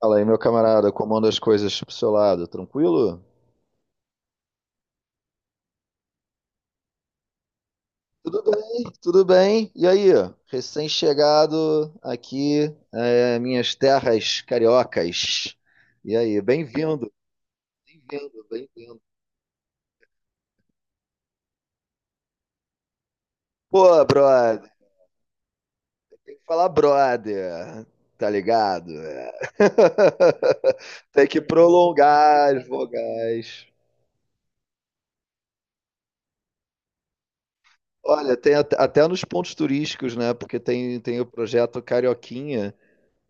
Fala aí, meu camarada, como andam as coisas pro seu lado? Tranquilo? Tudo bem, tudo bem. E aí, recém-chegado aqui, minhas terras cariocas. E aí, bem-vindo, bem-vindo, bem-vindo. Pô, brother, tem que falar brother, tá ligado? É. Tem que prolongar as vogais. Olha, tem até nos pontos turísticos, né? Porque tem o projeto Carioquinha.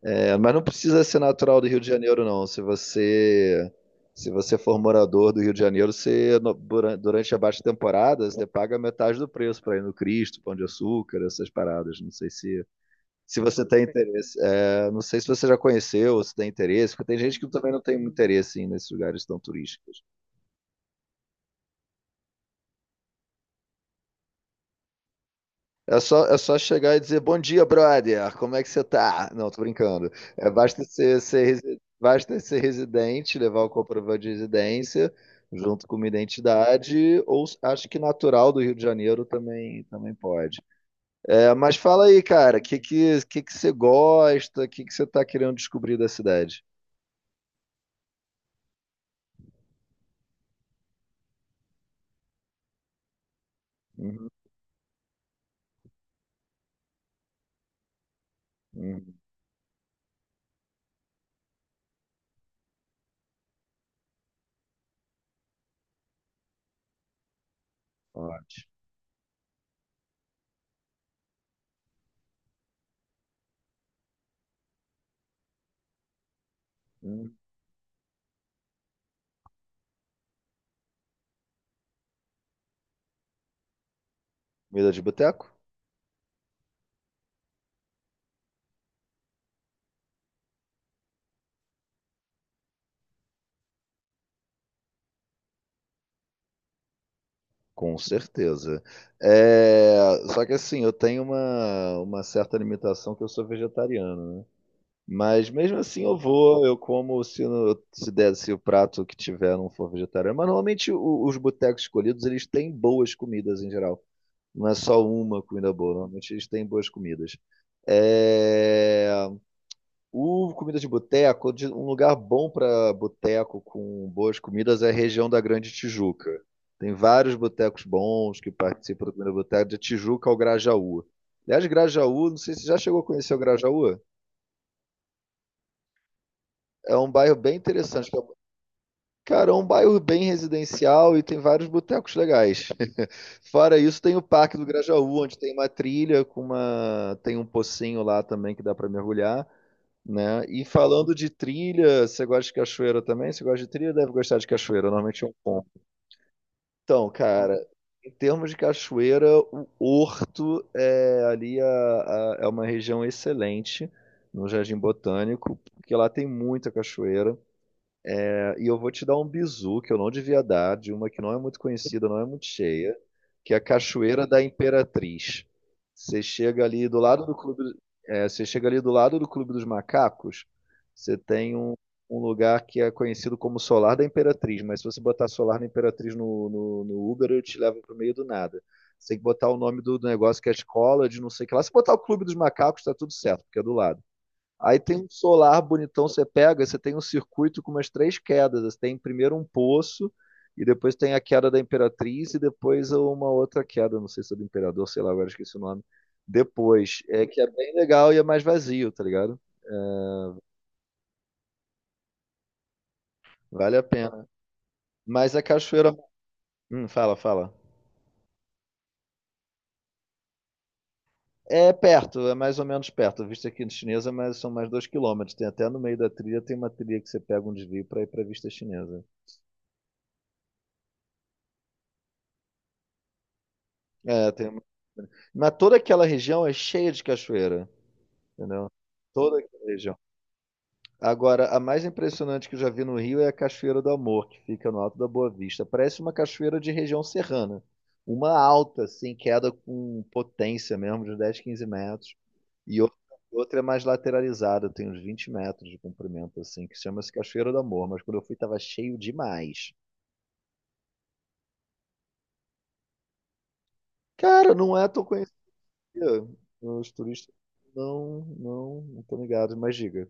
É, mas não precisa ser natural do Rio de Janeiro, não. Se você for morador do Rio de Janeiro, você durante a baixa temporada, você paga metade do preço para ir no Cristo, Pão de Açúcar, essas paradas. Não sei se você tem interesse. É, não sei se você já conheceu, se tem interesse, porque tem gente que também não tem interesse em ir nesses lugares tão turísticos. É só chegar e dizer bom dia, brother. Como é que você tá? Não, tô brincando. É, basta ser residente, levar o comprovante de residência junto com uma identidade, ou acho que natural do Rio de Janeiro também pode. É, mas fala aí, cara, o que você gosta? O que você tá querendo descobrir da cidade? Uhum, uhum, ótimo. Uhum. Comida de boteco? Com certeza. É, só que assim, eu tenho uma certa limitação que eu sou vegetariano, né? Mas mesmo assim eu vou, eu como se der, se o prato que tiver não for vegetariano. Mas normalmente os botecos escolhidos, eles têm boas comidas em geral. Não é só uma comida boa, normalmente eles têm boas comidas. É, o comida de boteco, um lugar bom para boteco com boas comidas é a região da Grande Tijuca. Tem vários botecos bons que participam do Comida de Boteco, de Tijuca ao Grajaú. Aliás, Grajaú, não sei se você já chegou a conhecer o Grajaú. É um bairro bem interessante. Cara, é um bairro bem residencial e tem vários botecos legais. Fora isso, tem o Parque do Grajaú, onde tem uma trilha tem um pocinho lá também que dá para mergulhar, né? E falando de trilha, você gosta de cachoeira também? Você gosta de trilha? Deve gostar de cachoeira, normalmente é um ponto. Então, cara, em termos de cachoeira, o Horto é ali é uma região excelente no Jardim Botânico, porque lá tem muita cachoeira. É, e eu vou te dar um bizu que eu não devia dar, de uma que não é muito conhecida, não é muito cheia, que é a Cachoeira da Imperatriz. Você chega ali do lado do clube, é, você chega ali do lado do Clube dos Macacos, você tem um, um lugar que é conhecido como Solar da Imperatriz, mas se você botar Solar da Imperatriz no Uber, eu te levo pro meio do nada. Você tem que botar o nome do negócio que é a escola de não sei o que lá. Se botar o Clube dos Macacos, tá tudo certo, porque é do lado. Aí tem um solar bonitão, você pega, você tem um circuito com umas três quedas. Você tem primeiro um poço, e depois tem a queda da Imperatriz, e depois uma outra queda, não sei se é do Imperador, sei lá, agora esqueci o nome. Depois, é que é bem legal e é mais vazio, tá ligado? Vale a pena. Mas a cachoeira. Fala, fala. É perto, é mais ou menos perto. A vista aqui chinesa mas são mais 2 quilômetros. Tem até no meio da trilha, tem uma trilha que você pega um desvio para ir para vista chinesa. É, tem. Mas toda aquela região é cheia de cachoeira, entendeu? Toda aquela região. Agora, a mais impressionante que eu já vi no Rio é a Cachoeira do Amor, que fica no Alto da Boa Vista. Parece uma cachoeira de região serrana. Uma alta, assim, queda com potência mesmo, de uns 10, 15 metros. E outra, outra é mais lateralizada, tem uns 20 metros de comprimento, assim, que chama-se Cachoeira do Amor. Mas quando eu fui, tava cheio demais. Cara, não é tão conhecida. Os turistas não, não, não estão ligados, mas diga.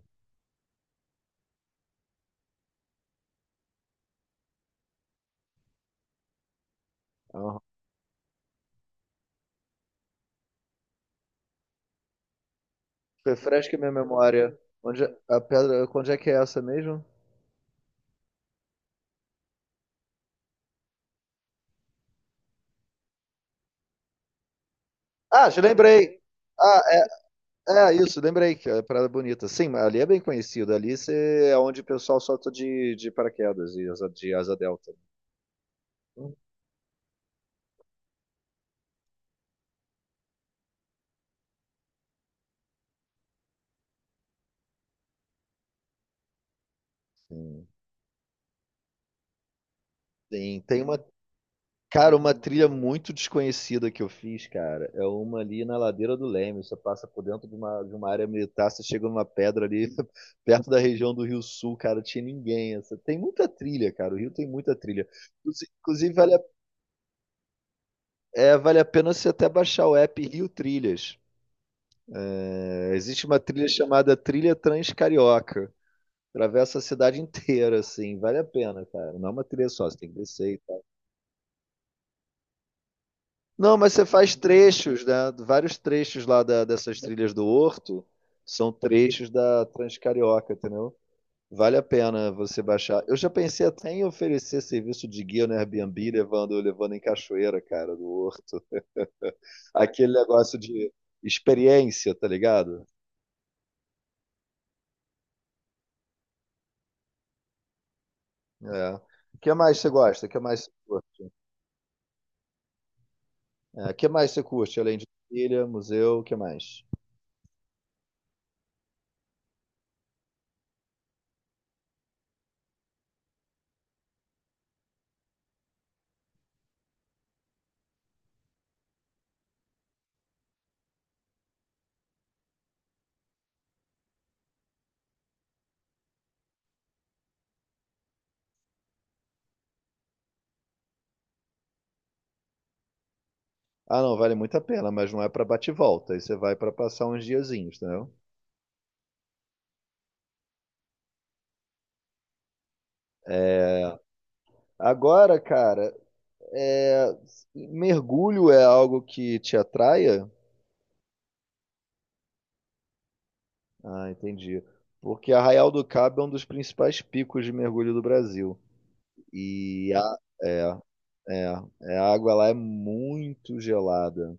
Refresca minha memória. A pedra, onde é que é essa mesmo? Ah, já lembrei. Ah, é, é isso, lembrei que é a Parada Bonita. Sim, mas ali é bem conhecido. É onde o pessoal solta de paraquedas e de asa delta. Hum, Sim. Tem, tem uma, cara, uma trilha muito desconhecida que eu fiz, cara. É uma ali na ladeira do Leme. Você passa por dentro de uma área militar, você chega numa pedra ali, perto da região do Rio Sul, cara. Tinha ninguém. Essa. Tem muita trilha, cara. O Rio tem muita trilha. Inclusive, vale É, vale a pena você até baixar o app Rio Trilhas. É, existe uma trilha chamada Trilha Transcarioca. Atravessa a cidade inteira, assim. Vale a pena, cara. Não é uma trilha só, você tem que descer e tal. Não, mas você faz trechos, né? Vários trechos lá dessas trilhas do Horto são trechos da Transcarioca, entendeu? Vale a pena você baixar. Eu já pensei até em oferecer serviço de guia no Airbnb, levando em cachoeira, cara, do Horto. Aquele negócio de experiência, tá ligado? É. O que mais você gosta? O que mais você curte? É, o que mais você curte, além de trilha, museu, o que mais? Ah, não, vale muito a pena, mas não é para bate e volta. Aí você vai para passar uns diazinhos, entendeu? Agora, cara, é, mergulho é algo que te atraia? Ah, entendi. Porque Arraial do Cabo é um dos principais picos de mergulho do Brasil. E a, é, a água lá é muito gelada.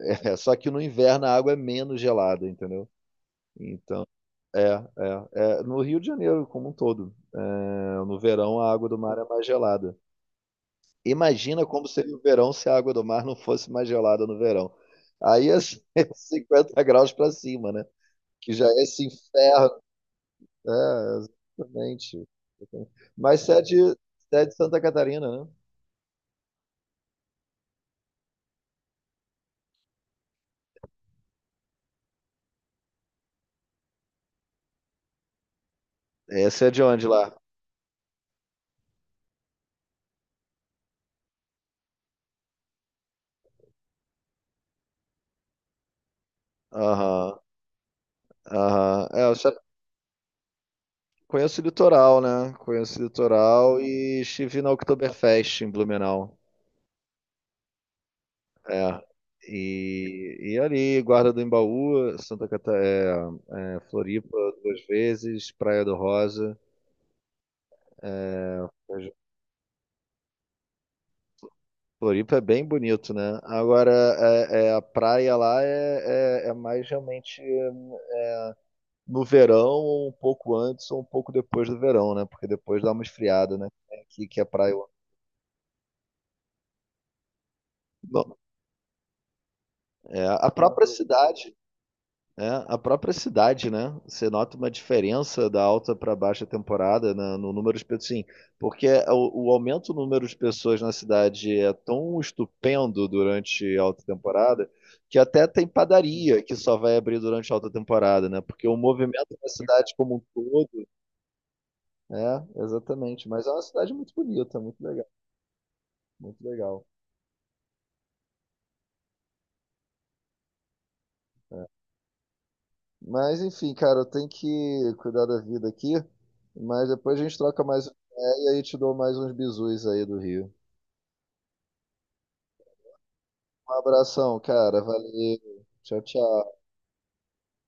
É, só que no inverno a água é menos gelada, entendeu? Então. No Rio de Janeiro, como um todo. É, no verão, a água do mar é mais gelada. Imagina como seria o verão se a água do mar não fosse mais gelada no verão. Aí é 50 graus para cima, né? Que já é esse inferno. É, exatamente. Mas você você é de Santa Catarina, né? É, você é de onde lá? Aham, aham. É, eu já conheço o litoral, né? Conheço o litoral e estive na Oktoberfest em Blumenau. É. E, e ali, Guarda do Embaú, Santa Catarina, é, é, Floripa 2 vezes, Praia do Rosa. Floripa é bem bonito, né? Agora, a praia lá é mais realmente é, no verão, um pouco antes ou um pouco depois do verão, né? Porque depois dá uma esfriada, né? É aqui que a praia. Bom, é, a própria cidade, é, a própria cidade, né? Você nota uma diferença da alta para baixa temporada no número de pessoas, sim, porque é o aumento do número de pessoas na cidade é tão estupendo durante a alta temporada que até tem padaria que só vai abrir durante a alta temporada, né? Porque o movimento da cidade como um todo, é, exatamente. Mas é uma cidade muito bonita, muito legal, muito legal. Mas enfim, cara, eu tenho que cuidar da vida aqui. Mas depois a gente troca mais uma ideia e aí te dou mais uns bizus aí do Rio. Um abração, cara. Valeu. Tchau, tchau.